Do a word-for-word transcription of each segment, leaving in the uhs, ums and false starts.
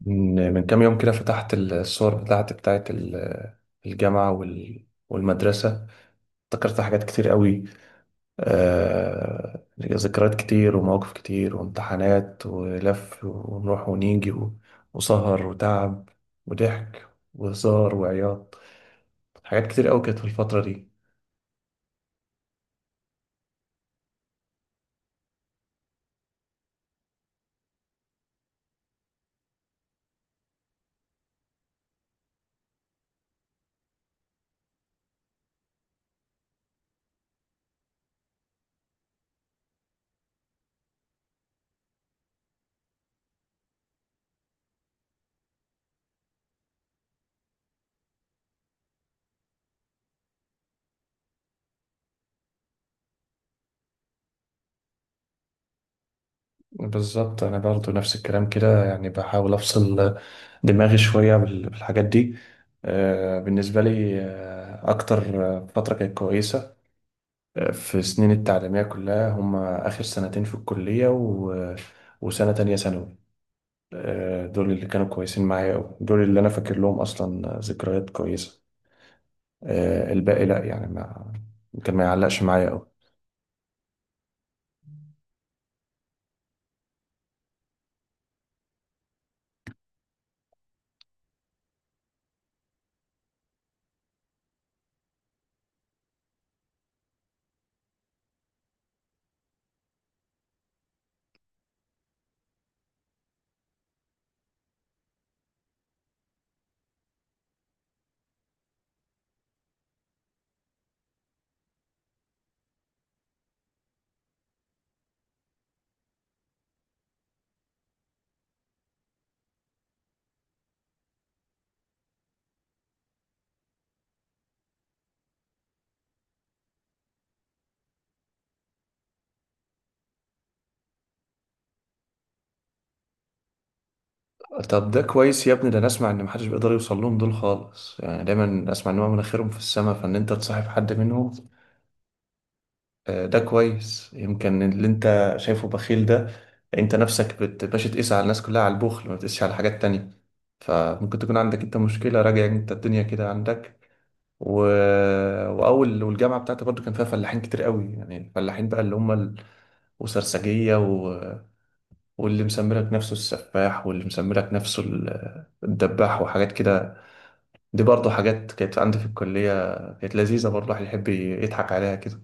من من كام يوم كده فتحت الصور بتاعتي بتاعت ال- الجامعة وال- والمدرسة. افتكرت حاجات كتير قوي. آه، ذكريات كتير ومواقف كتير وامتحانات ولف ونروح ونيجي و- وسهر وتعب وضحك وهزار وعياط. حاجات كتير قوي كانت في الفترة دي. بالظبط، أنا برضو نفس الكلام كده، يعني بحاول أفصل دماغي شوية بال- بالحاجات دي. آه، بالنسبة لي آه، أكتر آه، فترة كانت كويسة في سنين التعليمية كلها هم آخر سنتين في الكلية و... وسنة تانية ثانوي. آه، دول اللي كانوا كويسين معايا أوي، دول اللي أنا فاكر لهم أصلا ذكريات كويسة. آه، الباقي لأ، يعني ما كان ما يعلقش معايا أوي. طب ده كويس يا ابني. ده أنا أسمع إن محدش بيقدر يوصل لهم دول خالص، يعني دايما أسمع إن هم مناخيرهم في السما، فإن أنت تصاحب حد منهم. آه، ده كويس. يمكن اللي انت شايفه بخيل ده، انت نفسك بت- باش تقيس على الناس كلها على البخل، ما بتقيسش على حاجات تانية. فممكن تكون عندك انت مشكلة. راجع انت الدنيا كده عندك. و... واول والجامعة بتاعتي برضو كان فيها فلاحين كتير قوي. يعني الفلاحين بقى اللي هم ال- وسرسجية و... واللي مسميلك نفسه السفاح، واللي مسميلك نفسه ال- الدباح، وحاجات كده. دي برضو حاجات كانت عندي في الكلية، كانت لذيذة. برضو الواحد يحب يضحك عليها كده.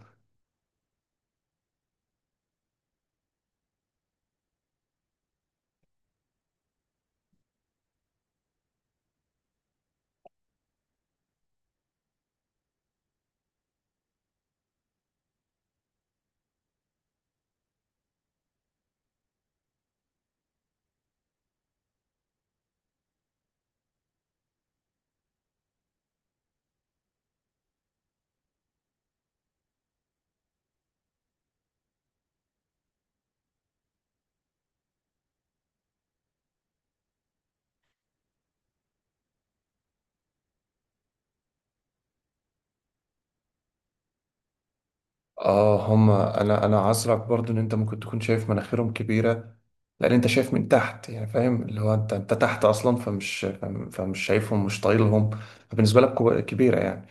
اه، هما انا انا عذرك برضو ان انت ممكن تكون شايف مناخيرهم كبيره، لان انت شايف من تحت. يعني فاهم اللي هو انت انت تحت اصلا، فمش فم- فمش شايفهم، مش طايلهم. فبالنسبه لك كو- كبيره يعني.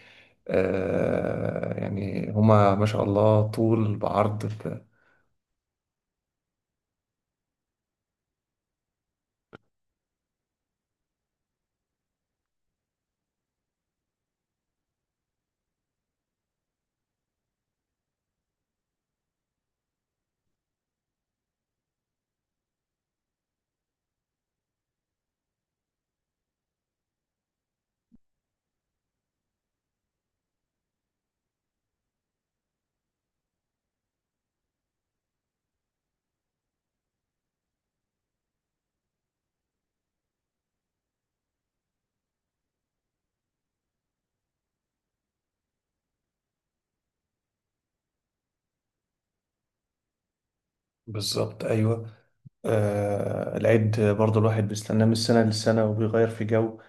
آه، يعني هما ما شاء الله طول بعرض ب- بالظبط. ايوه. آه، العيد برضو الواحد بيستناه من السنه للسنه، وبيغير في جو.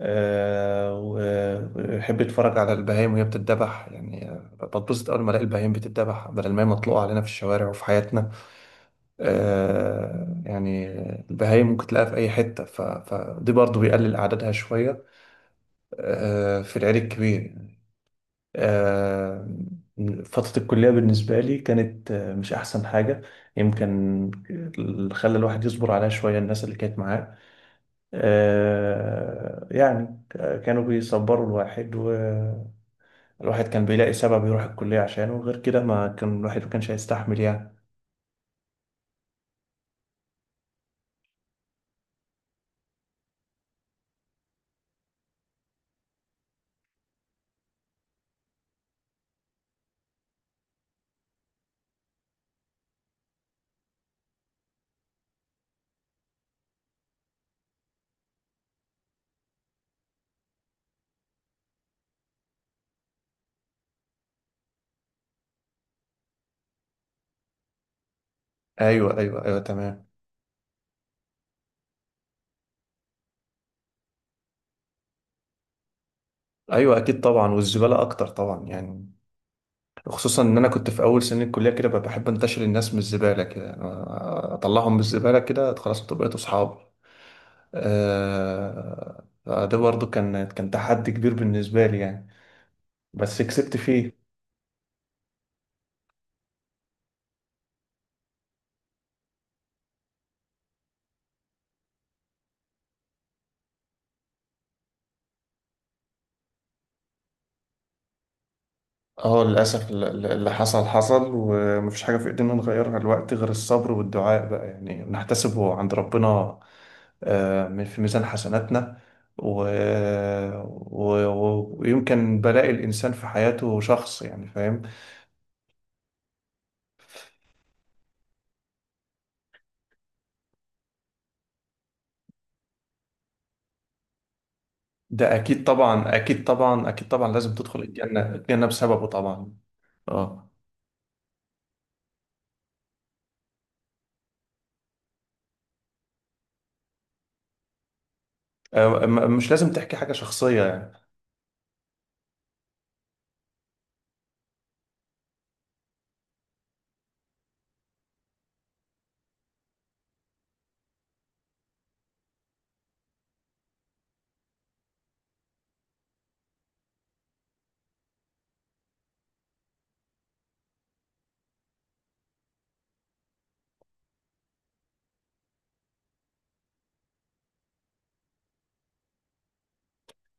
آه، وبحب اتفرج على البهايم وهي بتتذبح. يعني آه، بتبسط اول ما الاقي البهايم بتتذبح، بدل ما هي مطلوقه علينا في الشوارع وفي حياتنا. آه، يعني البهايم ممكن تلاقيها في اي حته، ف- فدي برضو بيقلل اعدادها شويه آه، في العيد الكبير. آه، فترة الكلية بالنسبة لي كانت آه، مش أحسن حاجة. يمكن اللي خلى الواحد يصبر عليها شوية الناس اللي كانت معاه. آه، يعني كانوا بيصبروا الواحد. الواحد كان بيلاقي سبب يروح الكلية عشانه، غير كده ما كان الواحد ما كانش هيستحمل يعني. ايوه، ايوه، ايوه، تمام. ايوه، اكيد طبعا، والزبالة اكتر طبعا يعني. خصوصا ان انا كنت في اول سنة الكلية كده ب- بحب انتشر الناس من الزبالة كده. يعني اطلعهم من الزبالة كده، خلاص بقيت اصحاب. آه، ده برضو كان كان تحدي كبير بالنسبة لي يعني، بس كسبت فيه. اه، للأسف ال- اللي حصل حصل، ومفيش حاجة في إيدينا نغيرها دلوقتي غير الصبر والدعاء بقى. يعني نحتسبه عند ربنا آه، من- في ميزان حسناتنا. و... و... و- ويمكن بلاء الإنسان في حياته شخص، يعني فاهم. ده أكيد طبعا، أكيد طبعا، أكيد طبعا. لازم تدخل الجنة، الجنة بسببه طبعا. اه، آه، م- مش لازم تحكي حاجة شخصية يعني.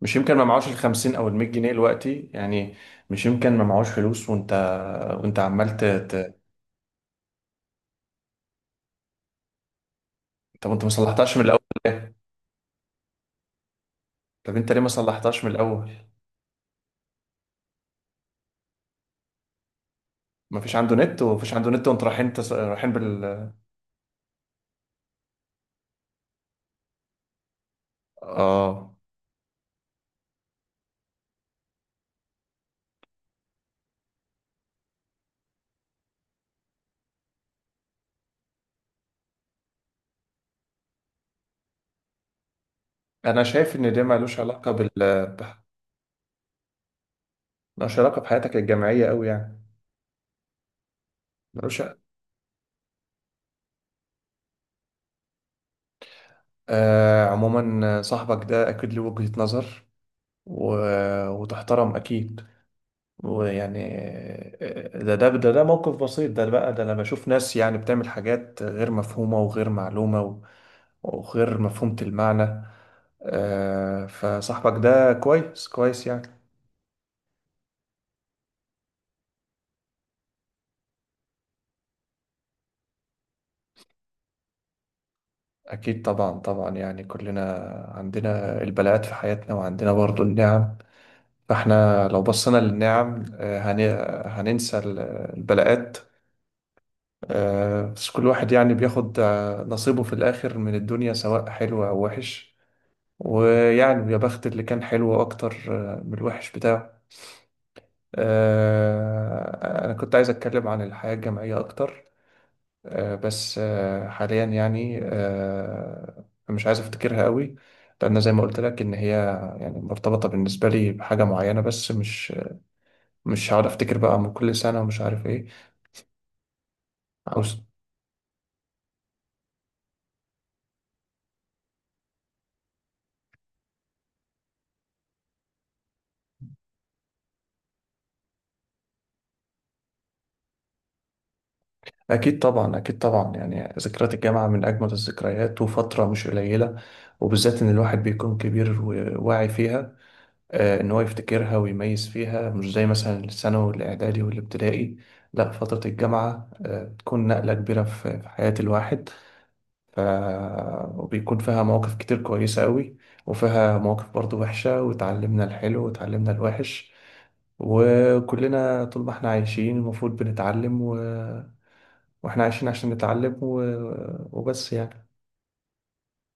مش يمكن ما معهوش الخمسين أو المية جنيه دلوقتي يعني؟ مش يمكن ما معهوش فلوس، وأنت وانت عمال ت- ت- طب انت ما صلحتهاش من الاول ليه؟ طب انت ليه ما صلحتهاش من الاول؟ ما فيش عنده نت، وما فيش عنده نت وانت رايحين تس... رايحين بال. اه، انا شايف ان ده ملوش علاقه بال بح- ملوش علاقه بحياتك الجامعيه قوي يعني. ملوش ع- آه، عموما صاحبك ده اكيد له وجهه نظر، و... وتحترم اكيد. ويعني آه، ده ده ده ده موقف بسيط ده بقى، ده لما اشوف ناس يعني بتعمل حاجات غير مفهومة وغير معلومة و- وغير مفهومة المعنى. آه، فصاحبك ده كويس كويس يعني. اكيد طبعا، طبعا. يعني كلنا عندنا البلاءات في حياتنا، وعندنا برضو النعم. فاحنا لو بصينا للنعم آه، هن- هننسى ال- البلاءات. آه، بس كل واحد يعني بياخد آه، نصيبه في الاخر من الدنيا، سواء حلو او وحش. ويعني يا بخت اللي كان حلو اكتر آه، من الوحش بتاعه. آه، انا كنت عايز اتكلم عن الحياة الجامعية اكتر، آه، بس آه، حاليا يعني آه، مش عايز افتكرها قوي، لان زي ما قلت لك ان هي يعني مرتبطة بالنسبة لي بحاجة معينة. بس مش مش هقعد افتكر بقى من كل سنة ومش عارف ايه. عاوز اكيد طبعا، اكيد طبعا. يعني ذكريات الجامعة من اجمل الذكريات، وفترة مش قليلة، وبالذات ان الواحد بيكون كبير وواعي فيها. آه، ان هو يفتكرها ويميز فيها، مش زي مثلا الثانوي والاعدادي والابتدائي. لا، فترة الجامعة آه، بتكون نقلة كبيرة في في حياة الواحد. ف... وبيكون فيها مواقف كتير كويسة قوي، وفيها مواقف برضو وحشة. وتعلمنا الحلو وتعلمنا الوحش، وكلنا طول ما احنا عايشين المفروض بنتعلم، و... واحنا عايشين عشان نتعلم. و... وبس يعني.